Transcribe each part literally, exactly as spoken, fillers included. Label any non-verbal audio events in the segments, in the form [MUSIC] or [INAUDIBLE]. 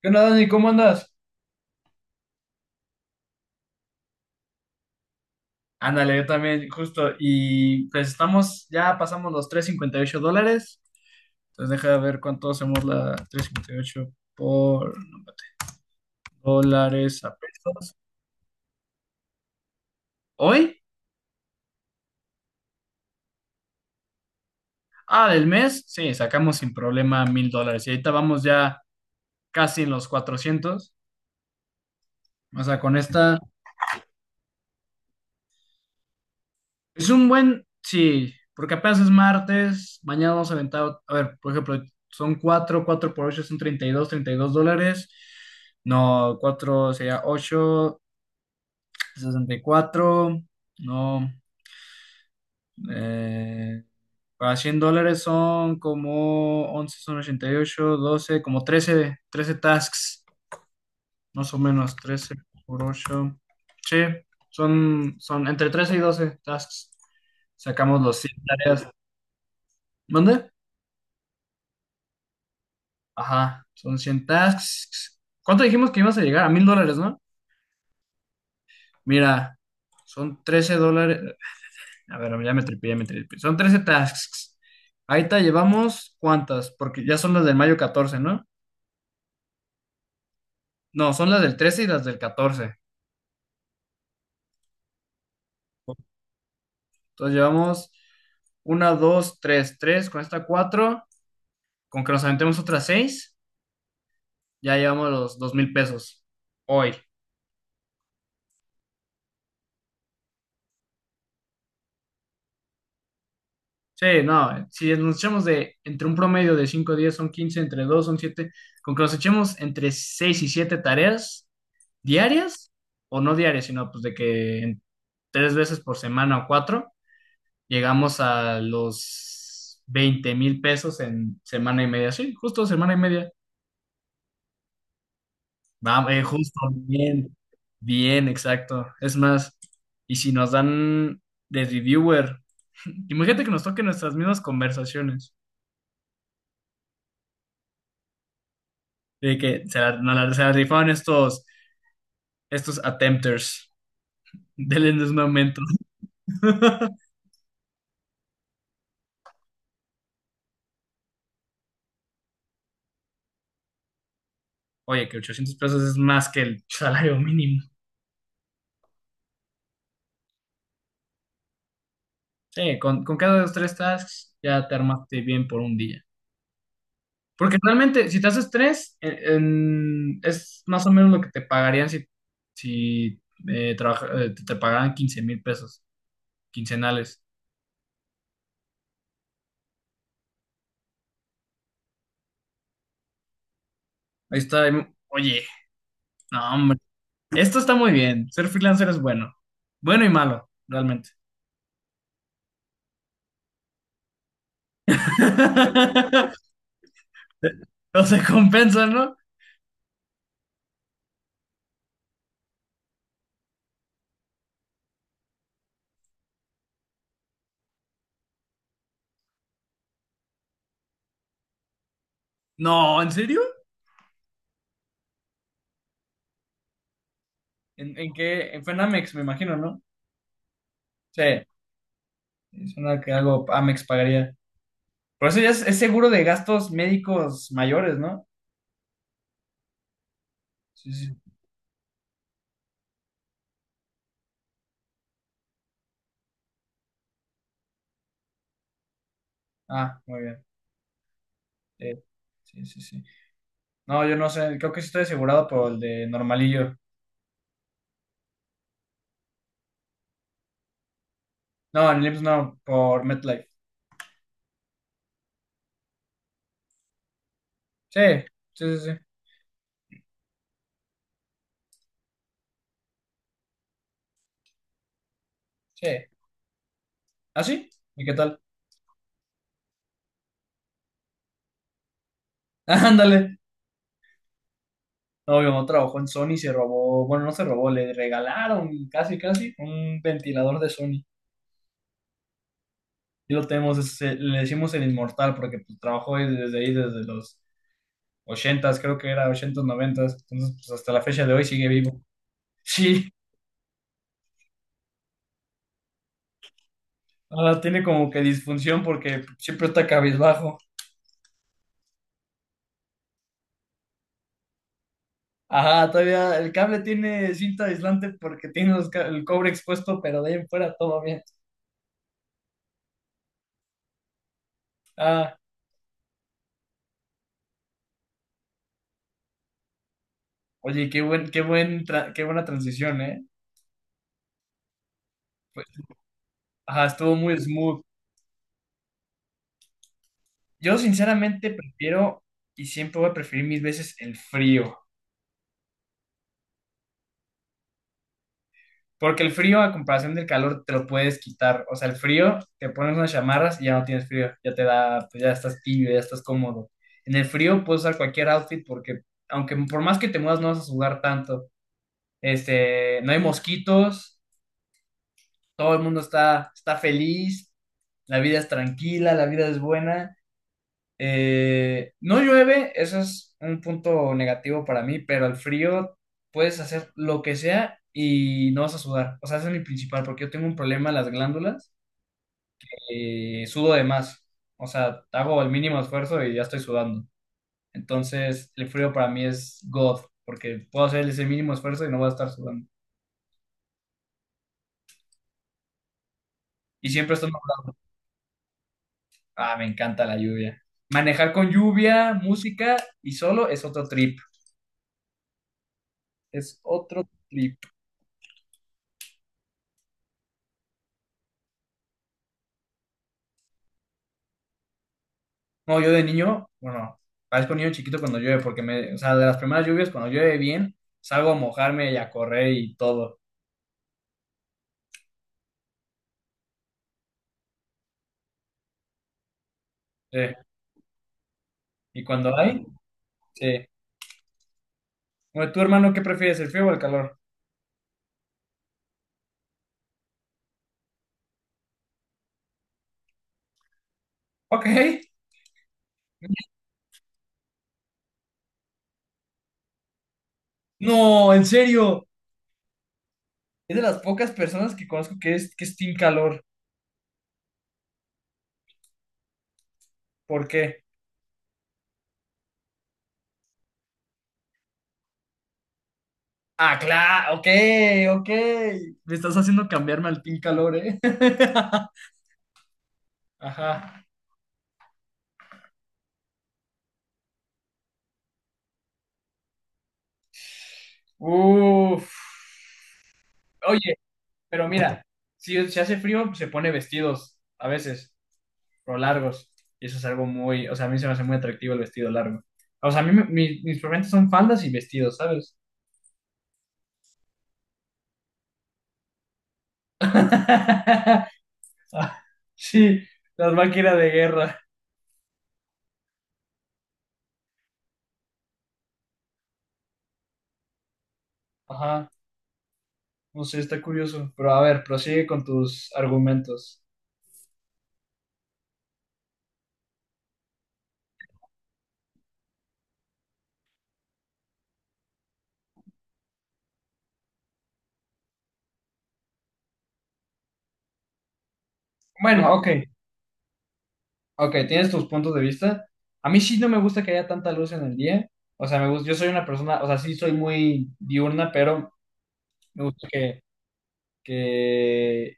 ¿Qué onda, Dani? ¿Cómo andas? Ándale, yo también, justo. Y pues estamos, ya pasamos los trescientos cincuenta y ocho dólares. Entonces deja de ver cuánto hacemos la trescientos cincuenta y ocho por dólares a pesos. ¿Hoy? Ah, del mes. Sí, sacamos sin problema mil dólares. Y ahorita vamos ya casi en los cuatrocientos. O sea, con esta. Es un buen, sí, porque apenas es martes, mañana vamos a aventar, a ver, por ejemplo, son cuatro cuatro por ocho son treinta treinta y dos treinta y dos dólares, no, cuatro sería ocho, sesenta y cuatro no, eh, para cien dólares son como once son ochenta y ocho doce como trece trece tasks, más o menos, trece por ocho sí, son, son entre trece y doce tasks, sacamos los cien tareas, ¿mande? Ajá, son cien tasks. ¿Cuánto dijimos que ibas a llegar? A mil dólares, ¿no? Mira, son trece dólares. A ver, ya me tripié, ya me tripié. Son trece tasks. Ahí te llevamos cuántas, porque ya son las del mayo catorce, ¿no? No, son las del trece y las del catorce. Entonces llevamos una, dos, tres, tres, con esta cuatro, con que nos aventemos otras seis, ya llevamos los dos mil pesos hoy. Sí, no, si nos echamos de entre un promedio de cinco días son quince entre dos son siete con que nos echemos entre seis y siete tareas diarias, o no diarias, sino pues de que en tres veces por semana o cuatro, llegamos a los veinte mil pesos en semana y media. Sí, justo semana y media. Vamos, justo, bien, bien, exacto. Es más, y si nos dan de reviewer, [LAUGHS] imagínate que nos toquen nuestras mismas conversaciones. De que se la, no la- se la rifaron estos, estos attempters. [LAUGHS] Denles un aumento. [LAUGHS] Oye, que ochocientos pesos es más que el salario mínimo. Sí, con, con cada de los tres tasks ya te armaste bien por un día. Porque realmente, si te haces tres, en- en- es más o menos lo que te pagarían si, si eh, trabaja- eh, te, te pagaran quince mil pesos quincenales. Ahí está. Oye, no, hombre. Esto está muy bien. Ser freelancer es bueno. Bueno y malo, realmente. [LAUGHS] [LAUGHS] No se compensan, ¿no? No, ¿en serio? ¿En, en qué? En- Fue en Amex, me imagino, ¿no? Sí, es una que algo Amex pagaría. Por eso ya es, es seguro de gastos médicos mayores, ¿no? Sí, sí. Sí. Ah, muy bien. Sí, sí, sí, sí. No, yo no sé, creo que sí estoy asegurado por el de normalillo. No, en el I M S S no, por MetLife. Sí, sí, sí, sí. Sí. ¿Ah, sí? ¿Y qué tal? [LAUGHS] Ándale. No, mi mamá trabajó en Sony y se robó, bueno, no se robó, le regalaron casi, casi un ventilador de Sony. Sí lo tenemos, es- se- le decimos el inmortal porque pues, trabajó ahí desde ahí, desde los ochentas creo que era ochentas noventas entonces pues hasta la fecha de hoy sigue vivo. Sí, ahora tiene como que disfunción porque siempre está cabizbajo. Ajá, todavía el cable tiene cinta aislante porque tiene los ca- el cobre expuesto, pero de ahí en fuera todo bien. Ah, oye, qué buen, qué buen, tra- qué buena transición, ¿eh? Pues, ajá, estuvo muy smooth. Yo sinceramente prefiero y siempre voy a preferir mis veces el frío. Porque el frío, a comparación del calor, te lo puedes quitar. O sea, el frío, te pones unas chamarras y ya no tienes frío. Ya te da, pues ya estás tibio, ya estás cómodo. En el frío puedes usar cualquier outfit porque, aunque por más que te muevas, no vas a sudar tanto. Este, no hay mosquitos, todo el mundo está, está feliz, la vida es tranquila, la vida es buena. Eh, no llueve, eso es un punto negativo para mí, pero al frío puedes hacer lo que sea y no vas a sudar. O sea, ese es mi principal, porque yo tengo un problema en las glándulas, eh, sudo de más. O sea, hago el mínimo esfuerzo y ya estoy sudando. Entonces, el frío para mí es God, porque puedo hacer ese mínimo esfuerzo y no voy a estar sudando. Y siempre estoy. Ah, me encanta la lluvia. Manejar con lluvia, música y solo es otro trip. Es otro trip. No, yo de niño, bueno, parezco niño chiquito cuando llueve, porque me, o sea, de las primeras lluvias, cuando llueve bien, salgo a mojarme y a correr y todo. Sí. Y cuando hay, sí. Bueno, ¿tu hermano qué prefieres, el frío o el calor? Ok. No, en serio. Es de las pocas personas que conozco que es, que es team calor. ¿Por qué? Ah, claro, ok, ok. Me estás haciendo cambiarme al team calor, ¿eh? [LAUGHS] Ajá. Uf. Oye, pero mira, si se hace frío, se pone vestidos a veces, o largos. Y eso es algo muy, o sea, a mí se me hace muy atractivo el vestido largo. O sea, a mí me- mi- mis problemas son faldas y vestidos, ¿sabes? [LAUGHS] Sí, las máquinas de guerra. Ajá, no sé, está curioso. Pero a ver, prosigue con tus argumentos. Bueno, ok, ok, tienes tus puntos de vista. A mí sí no me gusta que haya tanta luz en el día. O sea, me gusta, yo soy una persona, o sea, sí soy muy diurna, pero me gusta que, que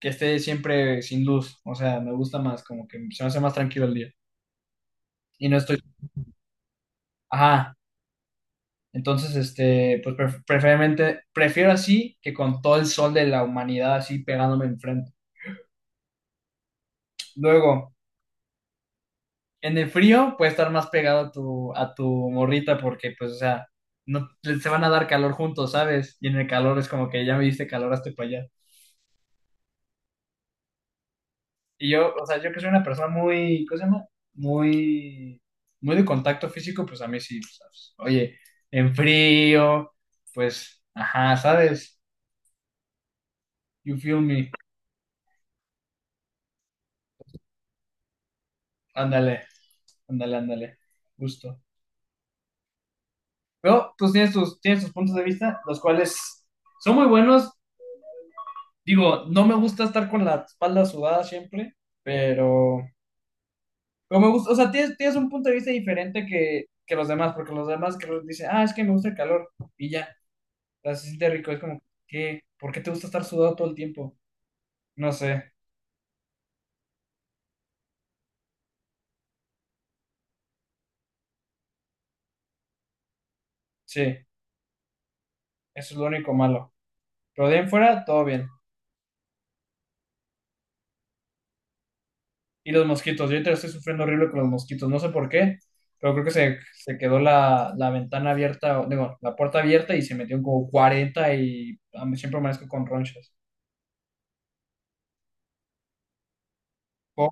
que esté siempre sin luz. O sea, me gusta más, como que se me hace más tranquilo el día. Y no estoy. Ajá. Entonces, este, pues pref- preferiblemente, prefiero así que con todo el sol de la humanidad así pegándome enfrente. Luego, en el frío puedes estar más pegado a tu, a tu morrita porque, pues, o sea, no, se van a dar calor juntos, ¿sabes? Y en el calor es como que ya me diste calor hasta para allá. Y yo, o sea, yo que soy una persona muy, ¿cómo se llama? Muy, muy de contacto físico, pues a mí sí, pues, ¿sabes? Oye, en frío, pues, ajá, ¿sabes? You feel me. Ándale, ándale, ándale. Justo. Pero, pues tienes tus, tienes tus puntos de vista, los cuales son muy buenos. Digo, no me gusta estar con la espalda sudada siempre, pero, pero me gusta, o sea, tienes, tienes un punto de vista diferente que, que los demás, porque los demás que los dicen, ah, es que me gusta el calor, y ya. Las se siente rico, es como, ¿qué? ¿Por qué te gusta estar sudado todo el tiempo? No sé, sí, eso es lo único malo. Pero de ahí en fuera, todo bien. Y los mosquitos, yo ahorita estoy sufriendo horrible con los mosquitos, no sé por qué, pero creo que se, se quedó la, la ventana abierta, o- digo, la puerta abierta y se metieron como cuarenta y a mí siempre amanezco con ronchas. Por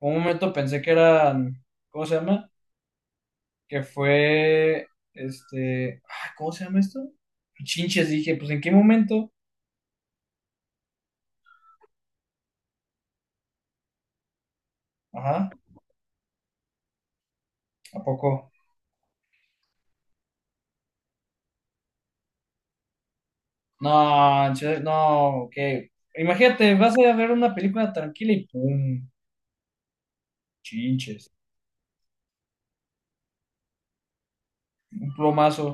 un momento pensé que eran, ¿cómo se llama? Que fue, este, ay, ¿cómo se llama esto? Chinches, dije, pues ¿en qué momento? Ajá, ¿a poco? No, en serio, no, que imagínate, vas a ver una película tranquila y ¡pum! Chinches. Un plomazo,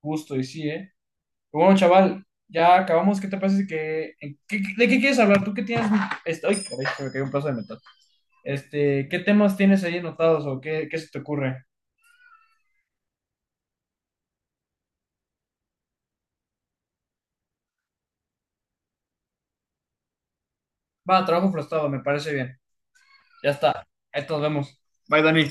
justo, y sí, ¿eh? Pero bueno, chaval, ya acabamos. ¿Qué te parece que... en- ¿qué- qué- ¿De qué quieres hablar? ¿Tú qué tienes... Este... ¡Ay, caray! Se me cayó un pedazo de metal. Este, ¿qué temas tienes ahí anotados o qué, qué se te ocurre? Va, trabajo frustrado, me parece bien. Ya está. Ahí nos vemos. Bye, Dani.